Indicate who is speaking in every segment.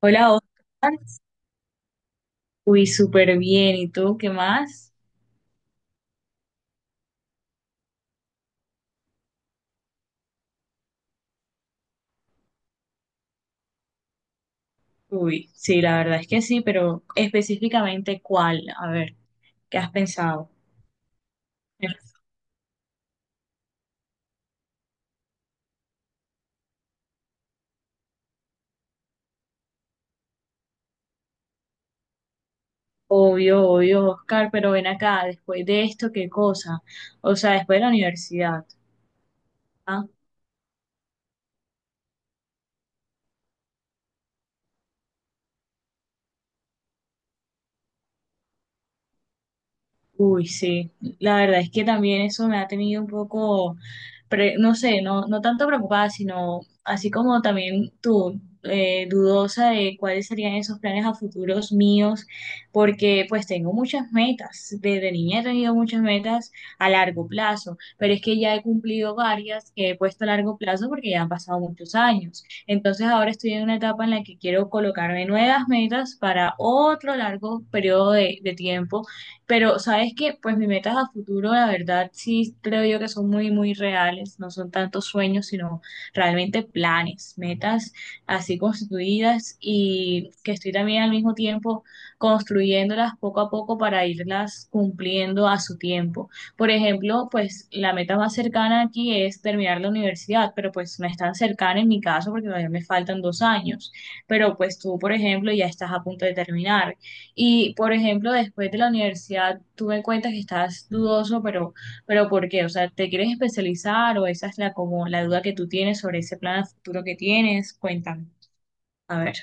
Speaker 1: Hola, Oscar. Uy, súper bien. ¿Y tú qué más? Uy, sí, la verdad es que sí, pero específicamente cuál, a ver, ¿qué has pensado? Obvio, obvio, Oscar, pero ven acá, después de esto, ¿qué cosa? O sea, después de la universidad. ¿Ah? Uy, sí, la verdad es que también eso me ha tenido un poco, no sé, no, no tanto preocupada, sino así como también tú, dudosa de cuáles serían esos planes a futuros míos, porque pues tengo muchas metas, desde niña he tenido muchas metas a largo plazo, pero es que ya he cumplido varias que he puesto a largo plazo porque ya han pasado muchos años. Entonces ahora estoy en una etapa en la que quiero colocarme nuevas metas para otro largo periodo de tiempo, pero, ¿sabes que pues mis metas a futuro, la verdad, sí creo yo que son muy, muy reales? No son tantos sueños, sino realmente planes, metas así constituidas y que estoy también al mismo tiempo construyéndolas poco a poco para irlas cumpliendo a su tiempo. Por ejemplo, pues la meta más cercana aquí es terminar la universidad, pero pues no es tan cercana en mi caso porque todavía me faltan 2 años. Pero pues tú, por ejemplo, ya estás a punto de terminar. Y, por ejemplo, después de la universidad, tú me cuentas que estás dudoso, pero ¿por qué? O sea, ¿te quieres especializar o esa es como la duda que tú tienes sobre ese plan a futuro que tienes? Cuéntame. A ver.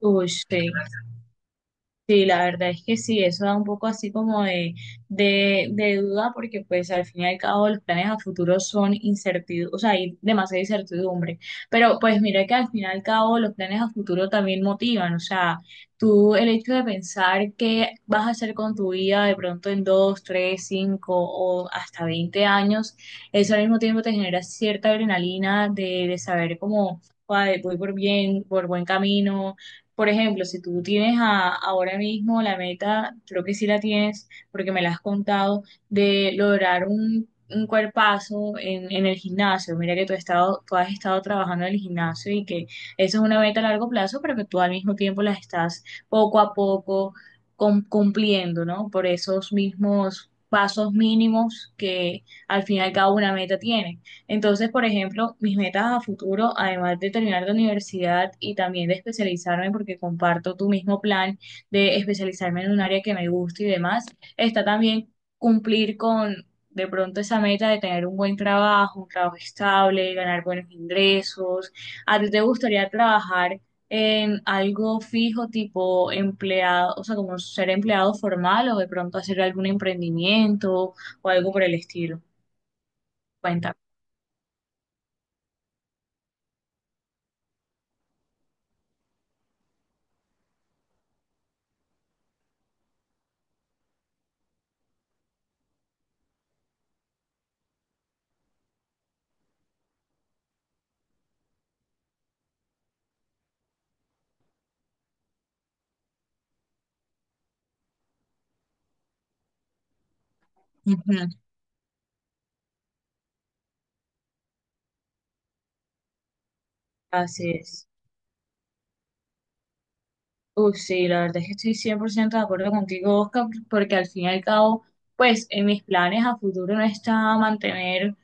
Speaker 1: Uy, sí. Sí, la verdad es que sí, eso da un poco así como de duda porque pues al fin y al cabo los planes a futuro son incertidumbre, o sea, hay demasiada incertidumbre, pero pues mira que al fin y al cabo los planes a futuro también motivan, o sea, tú el hecho de pensar qué vas a hacer con tu vida de pronto en 2, 3, 5 o hasta 20 años, eso al mismo tiempo te genera cierta adrenalina de saber cómo, ay, voy por bien, por buen camino. Por ejemplo, si tú tienes ahora mismo la meta, creo que sí la tienes, porque me la has contado, de lograr un cuerpazo en el gimnasio. Mira que tú has estado trabajando en el gimnasio y que eso es una meta a largo plazo, pero que tú al mismo tiempo las estás poco a poco cumpliendo, ¿no? Por esos mismos pasos mínimos que al final cada una meta tiene. Entonces, por ejemplo, mis metas a futuro, además de terminar la universidad y también de especializarme, porque comparto tu mismo plan de especializarme en un área que me gusta y demás, está también cumplir con de pronto esa meta de tener un buen trabajo, un trabajo estable, ganar buenos ingresos. ¿A ti te gustaría trabajar en algo fijo, tipo empleado, o sea, como ser empleado formal o de pronto hacer algún emprendimiento o algo por el estilo? Cuéntame. Ujú. Así es. Uf, sí, la verdad es que estoy 100% de acuerdo contigo, Oscar, porque al fin y al cabo, pues en mis planes a futuro no está mantener,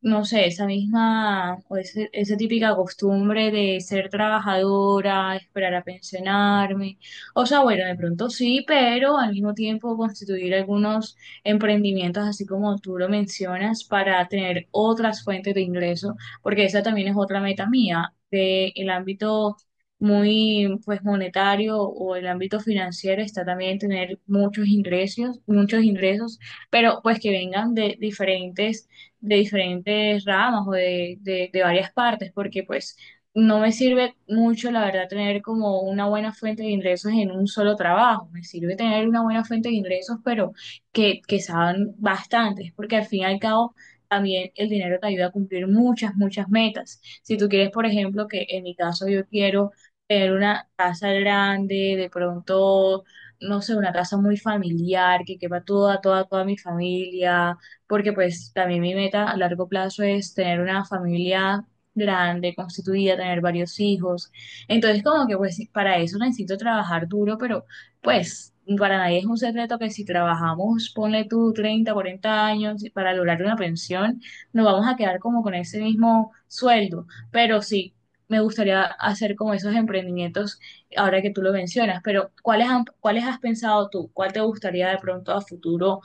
Speaker 1: no sé, esa misma o esa típica costumbre de ser trabajadora, esperar a pensionarme. O sea, bueno, de pronto sí, pero al mismo tiempo constituir algunos emprendimientos, así como tú lo mencionas, para tener otras fuentes de ingreso, porque esa también es otra meta mía, de el ámbito muy pues monetario o el ámbito financiero, está también tener muchos ingresos, pero pues que vengan de diferentes ramas o de varias partes, porque pues no me sirve mucho, la verdad, tener como una buena fuente de ingresos en un solo trabajo. Me sirve tener una buena fuente de ingresos, pero que sean bastantes, porque al fin y al cabo también el dinero te ayuda a cumplir muchas, muchas metas. Si tú quieres, por ejemplo, que en mi caso yo quiero tener una casa grande, de pronto, no sé, una casa muy familiar, que quepa toda, toda, toda mi familia, porque pues también mi meta a largo plazo es tener una familia grande, constituida, tener varios hijos. Entonces, como que pues para eso necesito trabajar duro, pero pues, para nadie es un secreto que si trabajamos, ponle tú 30, 40 años para lograr una pensión, nos vamos a quedar como con ese mismo sueldo. Pero sí, me gustaría hacer como esos emprendimientos ahora que tú lo mencionas, pero ¿cuáles has pensado tú? ¿Cuál te gustaría de pronto a futuro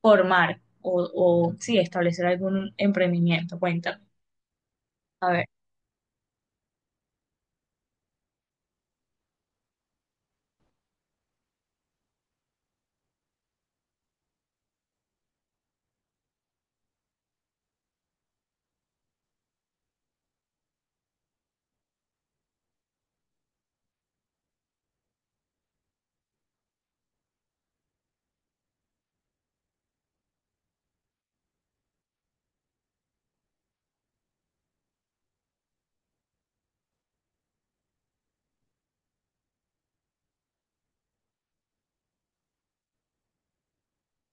Speaker 1: formar o sí, establecer algún emprendimiento? Cuéntame. A ver.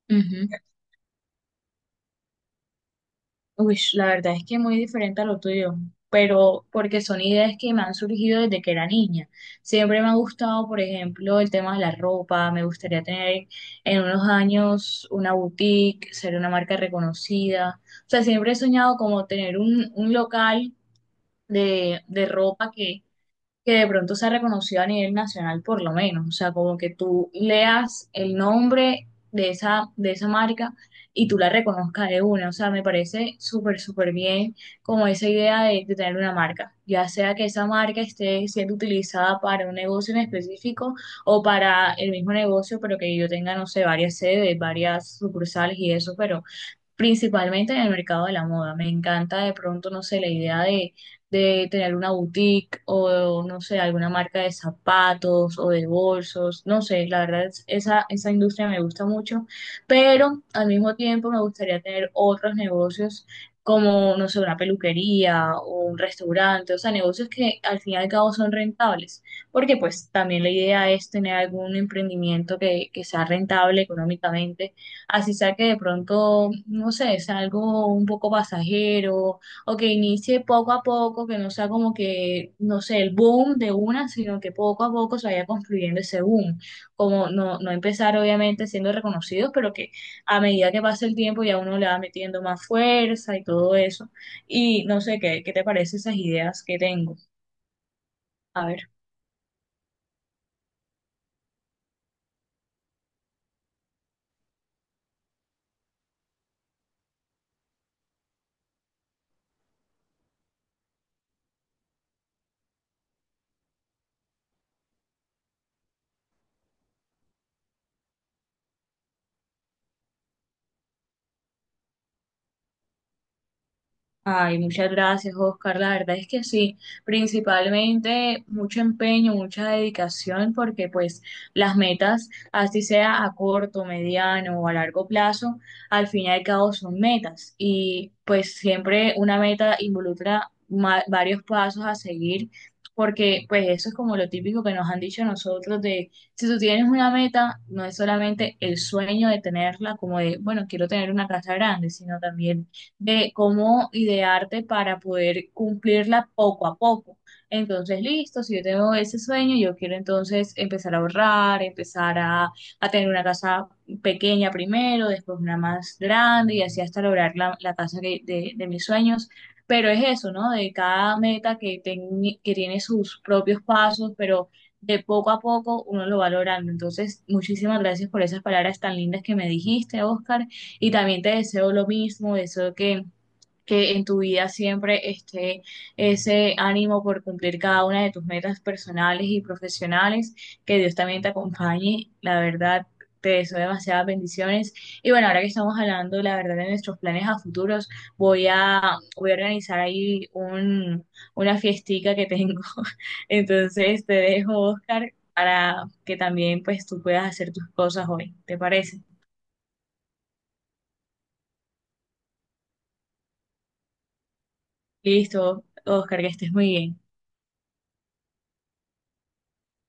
Speaker 1: Ujú. Uy, la verdad es que muy diferente a lo tuyo, pero porque son ideas que me han surgido desde que era niña. Siempre me ha gustado, por ejemplo, el tema de la ropa. Me gustaría tener en unos años una boutique, ser una marca reconocida. O sea, siempre he soñado como tener un local de ropa que de pronto sea reconocido a nivel nacional por lo menos, o sea, como que tú leas el nombre de esa, marca y tú la reconozcas de una, o sea, me parece súper, súper bien como esa idea de tener una marca, ya sea que esa marca esté siendo utilizada para un negocio en específico o para el mismo negocio, pero que yo tenga, no sé, varias sedes, varias sucursales y eso, pero principalmente en el mercado de la moda. Me encanta de pronto, no sé, la idea de tener una boutique o, no sé, alguna marca de zapatos o de bolsos, no sé, la verdad, esa industria me gusta mucho, pero al mismo tiempo me gustaría tener otros negocios como, no sé, una peluquería o un restaurante, o sea, negocios que al fin y al cabo son rentables, porque pues también la idea es tener algún emprendimiento que sea rentable económicamente, así sea que de pronto, no sé, sea algo un poco pasajero o que inicie poco a poco, que no sea como que, no sé, el boom de una, sino que poco a poco se vaya construyendo ese boom. Como no, no empezar obviamente siendo reconocidos, pero que a medida que pasa el tiempo ya uno le va metiendo más fuerza y todo eso. Y no sé, ¿qué te parece esas ideas que tengo? A ver. Ay, muchas gracias, Oscar. La verdad es que sí, principalmente mucho empeño, mucha dedicación, porque pues las metas, así sea a corto, mediano o a largo plazo, al fin y al cabo son metas. Y pues siempre una meta involucra varios pasos a seguir, porque pues eso es como lo típico que nos han dicho a nosotros de, si tú tienes una meta, no es solamente el sueño de tenerla, como de, bueno, quiero tener una casa grande, sino también de cómo idearte para poder cumplirla poco a poco. Entonces, listo, si yo tengo ese sueño, yo quiero entonces empezar a ahorrar, empezar a tener una casa pequeña primero, después una más grande y así hasta lograr la casa de mis sueños. Pero es eso, ¿no? De cada meta que tiene sus propios pasos, pero de poco a poco uno lo va logrando. Entonces, muchísimas gracias por esas palabras tan lindas que me dijiste, Oscar. Y también te deseo lo mismo, deseo que en tu vida siempre esté ese ánimo por cumplir cada una de tus metas personales y profesionales, que Dios también te acompañe, la verdad. Te deseo demasiadas bendiciones. Y bueno, ahora que estamos hablando, la verdad, de nuestros planes a futuros, voy a, voy a organizar ahí una fiestica que tengo. Entonces te dejo, Oscar, para que también pues tú puedas hacer tus cosas hoy. ¿Te parece? Listo, Oscar, que estés muy bien.